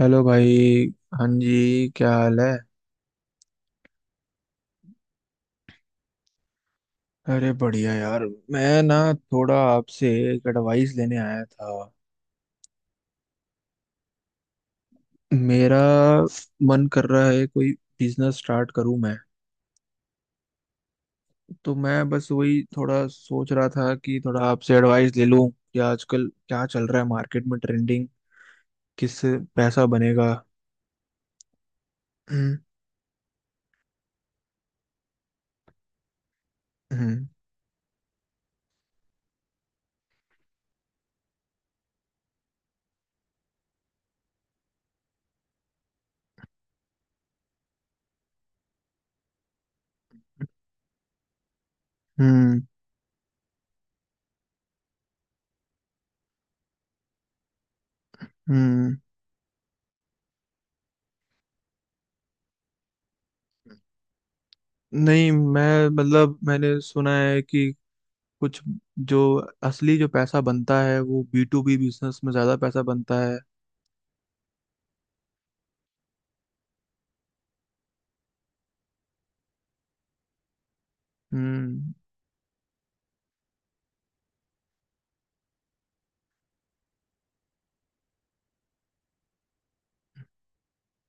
Hello भाई। हाँ जी, क्या हाल है? अरे बढ़िया यार। मैं ना थोड़ा आपसे एक एडवाइस लेने आया था। मेरा मन कर रहा है कोई बिजनेस स्टार्ट करूं मैं। तो मैं बस वही थोड़ा सोच रहा था कि थोड़ा आपसे एडवाइस ले लूं कि आजकल क्या चल रहा है मार्केट में ट्रेंडिंग, किससे पैसा बनेगा। हम्म। हम्म। हम्म। हम्म। नहीं, मैं मतलब मैंने सुना है कि कुछ जो असली जो पैसा बनता है वो बी टू बी बिजनेस में ज्यादा पैसा बनता है। हम्म।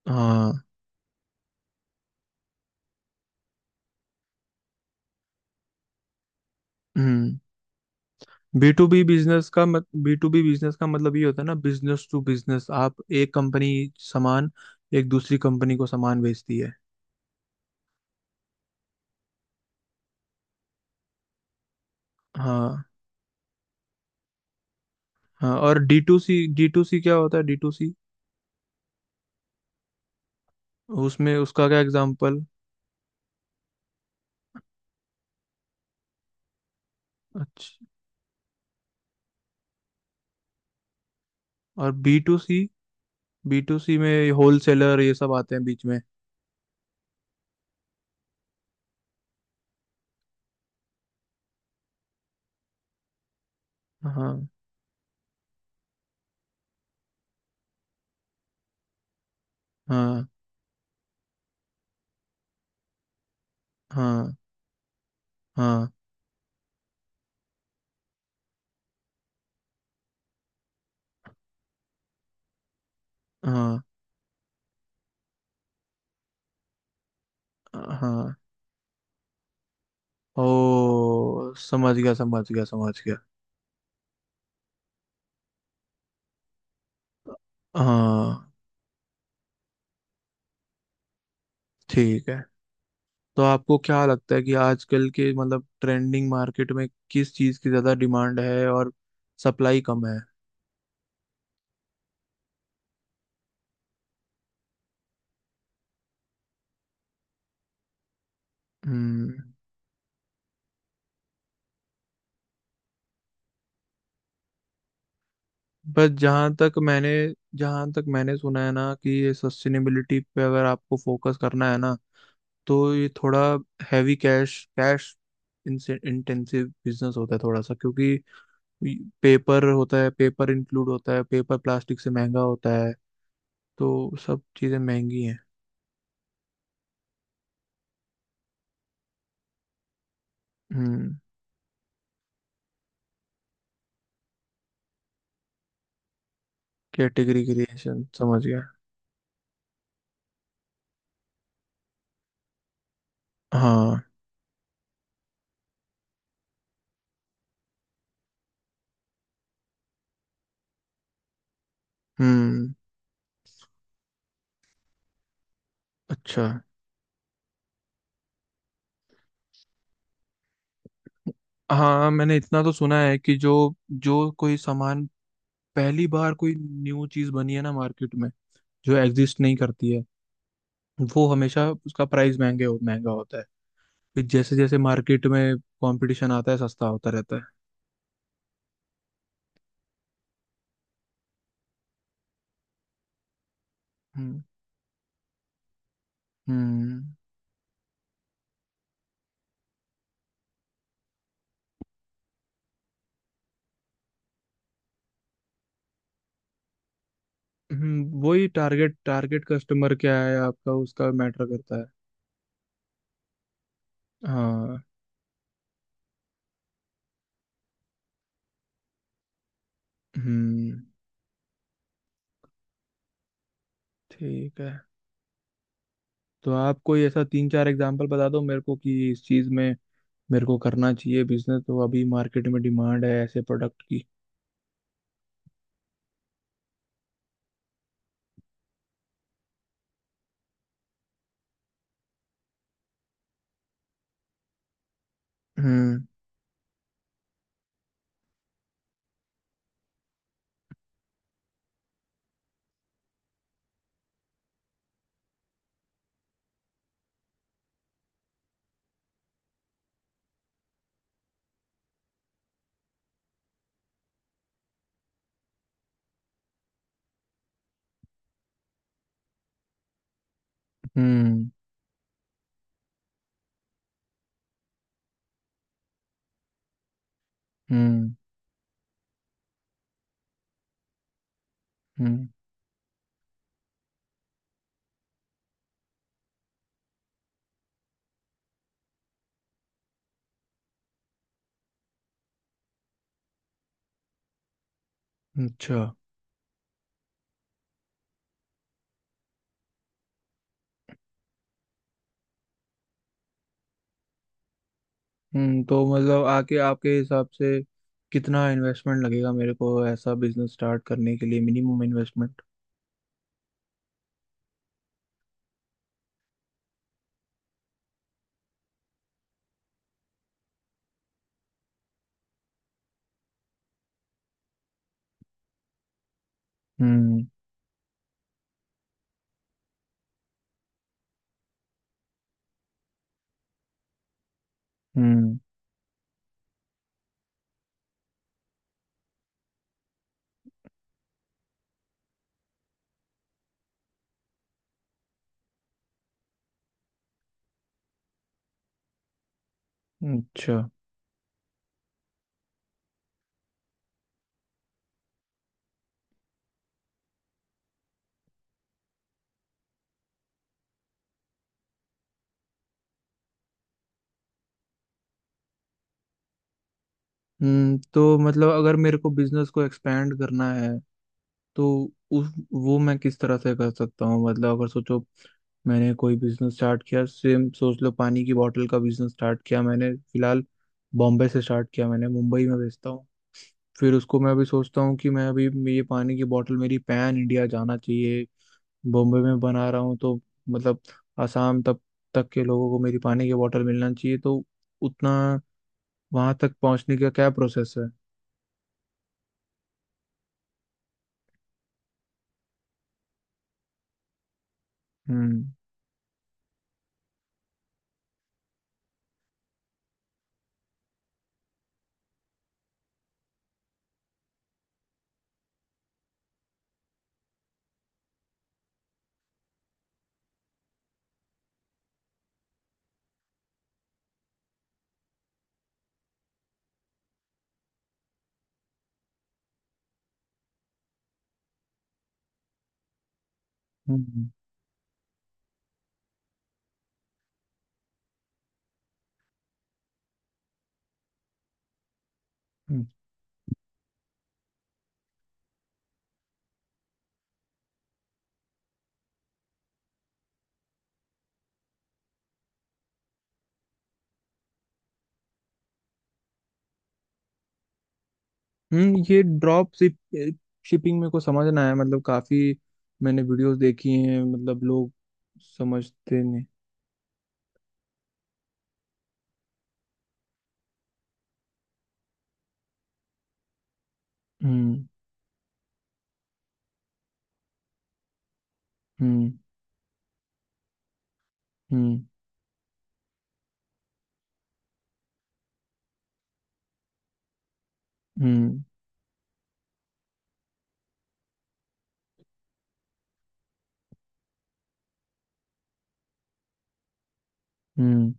हाँ। हम्म। बी टू बी बिजनेस का मत बी टू बी बिजनेस का मतलब ये होता है ना, बिजनेस टू बिजनेस। आप एक कंपनी सामान एक दूसरी कंपनी को सामान बेचती है। हाँ। हाँ, और D to C, D to C क्या होता है डी टू सी? उसमें उसका क्या एग्जाम्पल? अच्छा, और B to C, B to C में होलसेलर ये सब आते हैं बीच में? हाँ। हाँ। हाँ। हाँ। हाँ। हाँ। ओ समझ गया, समझ गया, समझ गया। हाँ। ठीक है। तो आपको क्या लगता है कि आजकल के मतलब ट्रेंडिंग मार्केट में किस चीज़ की ज़्यादा डिमांड है और सप्लाई कम है? हम्म। बस जहाँ तक मैंने सुना है ना कि ये सस्टेनेबिलिटी पे अगर आपको फोकस करना है ना, तो ये थोड़ा heavy cash cash intensive business होता है थोड़ा सा। क्योंकि पेपर होता है, पेपर इंक्लूड होता है, पेपर प्लास्टिक से महंगा होता है, तो सब चीजें महंगी हैं। हम्म। कैटेगरी क्रिएशन, समझ गया। हाँ। हम्म। अच्छा। हाँ, मैंने इतना तो सुना है कि जो जो कोई सामान पहली बार कोई न्यू चीज बनी है ना मार्केट में, जो एग्जिस्ट नहीं करती है, वो हमेशा उसका प्राइस महंगा होता है। फिर जैसे जैसे मार्केट में कंपटीशन आता है सस्ता होता रहता है। हम्म। हम्म। वही टारगेट टारगेट कस्टमर क्या है आपका, उसका मैटर करता है। हाँ। हम्म। ठीक है, तो आप कोई ऐसा तीन चार एग्जांपल बता दो मेरे को कि इस चीज में मेरे को करना चाहिए बिजनेस, तो अभी मार्केट में डिमांड है ऐसे प्रोडक्ट की। हम्म। हम्म। हम्म। हम्म। अच्छा। हम्म, तो मतलब आके आपके हिसाब से कितना इन्वेस्टमेंट लगेगा मेरे को ऐसा बिजनेस स्टार्ट करने के लिए, मिनिमम इन्वेस्टमेंट? हम्म। हम्म। अच्छा। हम्म, तो मतलब अगर मेरे को बिजनेस को एक्सपेंड करना है तो उस वो मैं किस तरह से कर सकता हूँ? मतलब अगर सोचो, मैंने कोई बिजनेस स्टार्ट किया, सेम सोच लो पानी की बोतल का बिजनेस स्टार्ट किया मैंने, फिलहाल बॉम्बे से स्टार्ट किया, मैंने मुंबई में बेचता हूँ। फिर उसको मैं अभी सोचता हूँ कि मैं अभी ये पानी की बोतल मेरी पैन इंडिया जाना चाहिए। बॉम्बे में बना रहा हूँ तो मतलब आसाम तक तक के लोगों को मेरी पानी की बोतल मिलना चाहिए, तो उतना वहां तक पहुंचने का क्या प्रोसेस है? हम्म। हम्म। हम्म। ये ड्रॉप शिपिंग मेरे को समझना है, मतलब काफी मैंने वीडियोस देखी हैं मतलब लोग समझते नहीं। हम्म। हम्म। हम्म। हम्म। हम्म।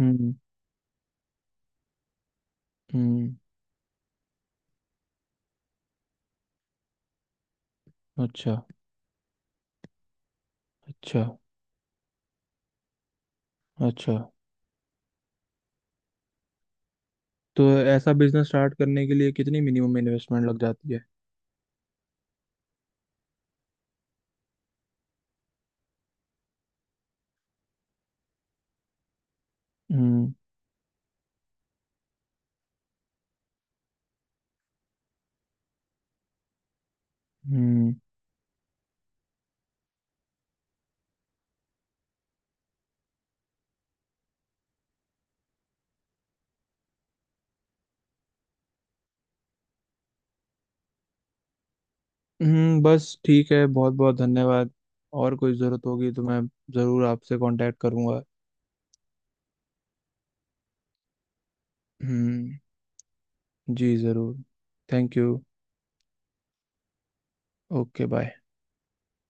हम्म। हम्म, अच्छा। अच्छा। अच्छा, तो ऐसा बिजनेस स्टार्ट करने के लिए कितनी मिनिमम इन्वेस्टमेंट लग जाती है? हम्म। हम्म। बस ठीक है, बहुत बहुत धन्यवाद। और कोई ज़रूरत होगी तो मैं ज़रूर आपसे कांटेक्ट करूंगा। हम्म। जी ज़रूर। Thank you. Okay bye.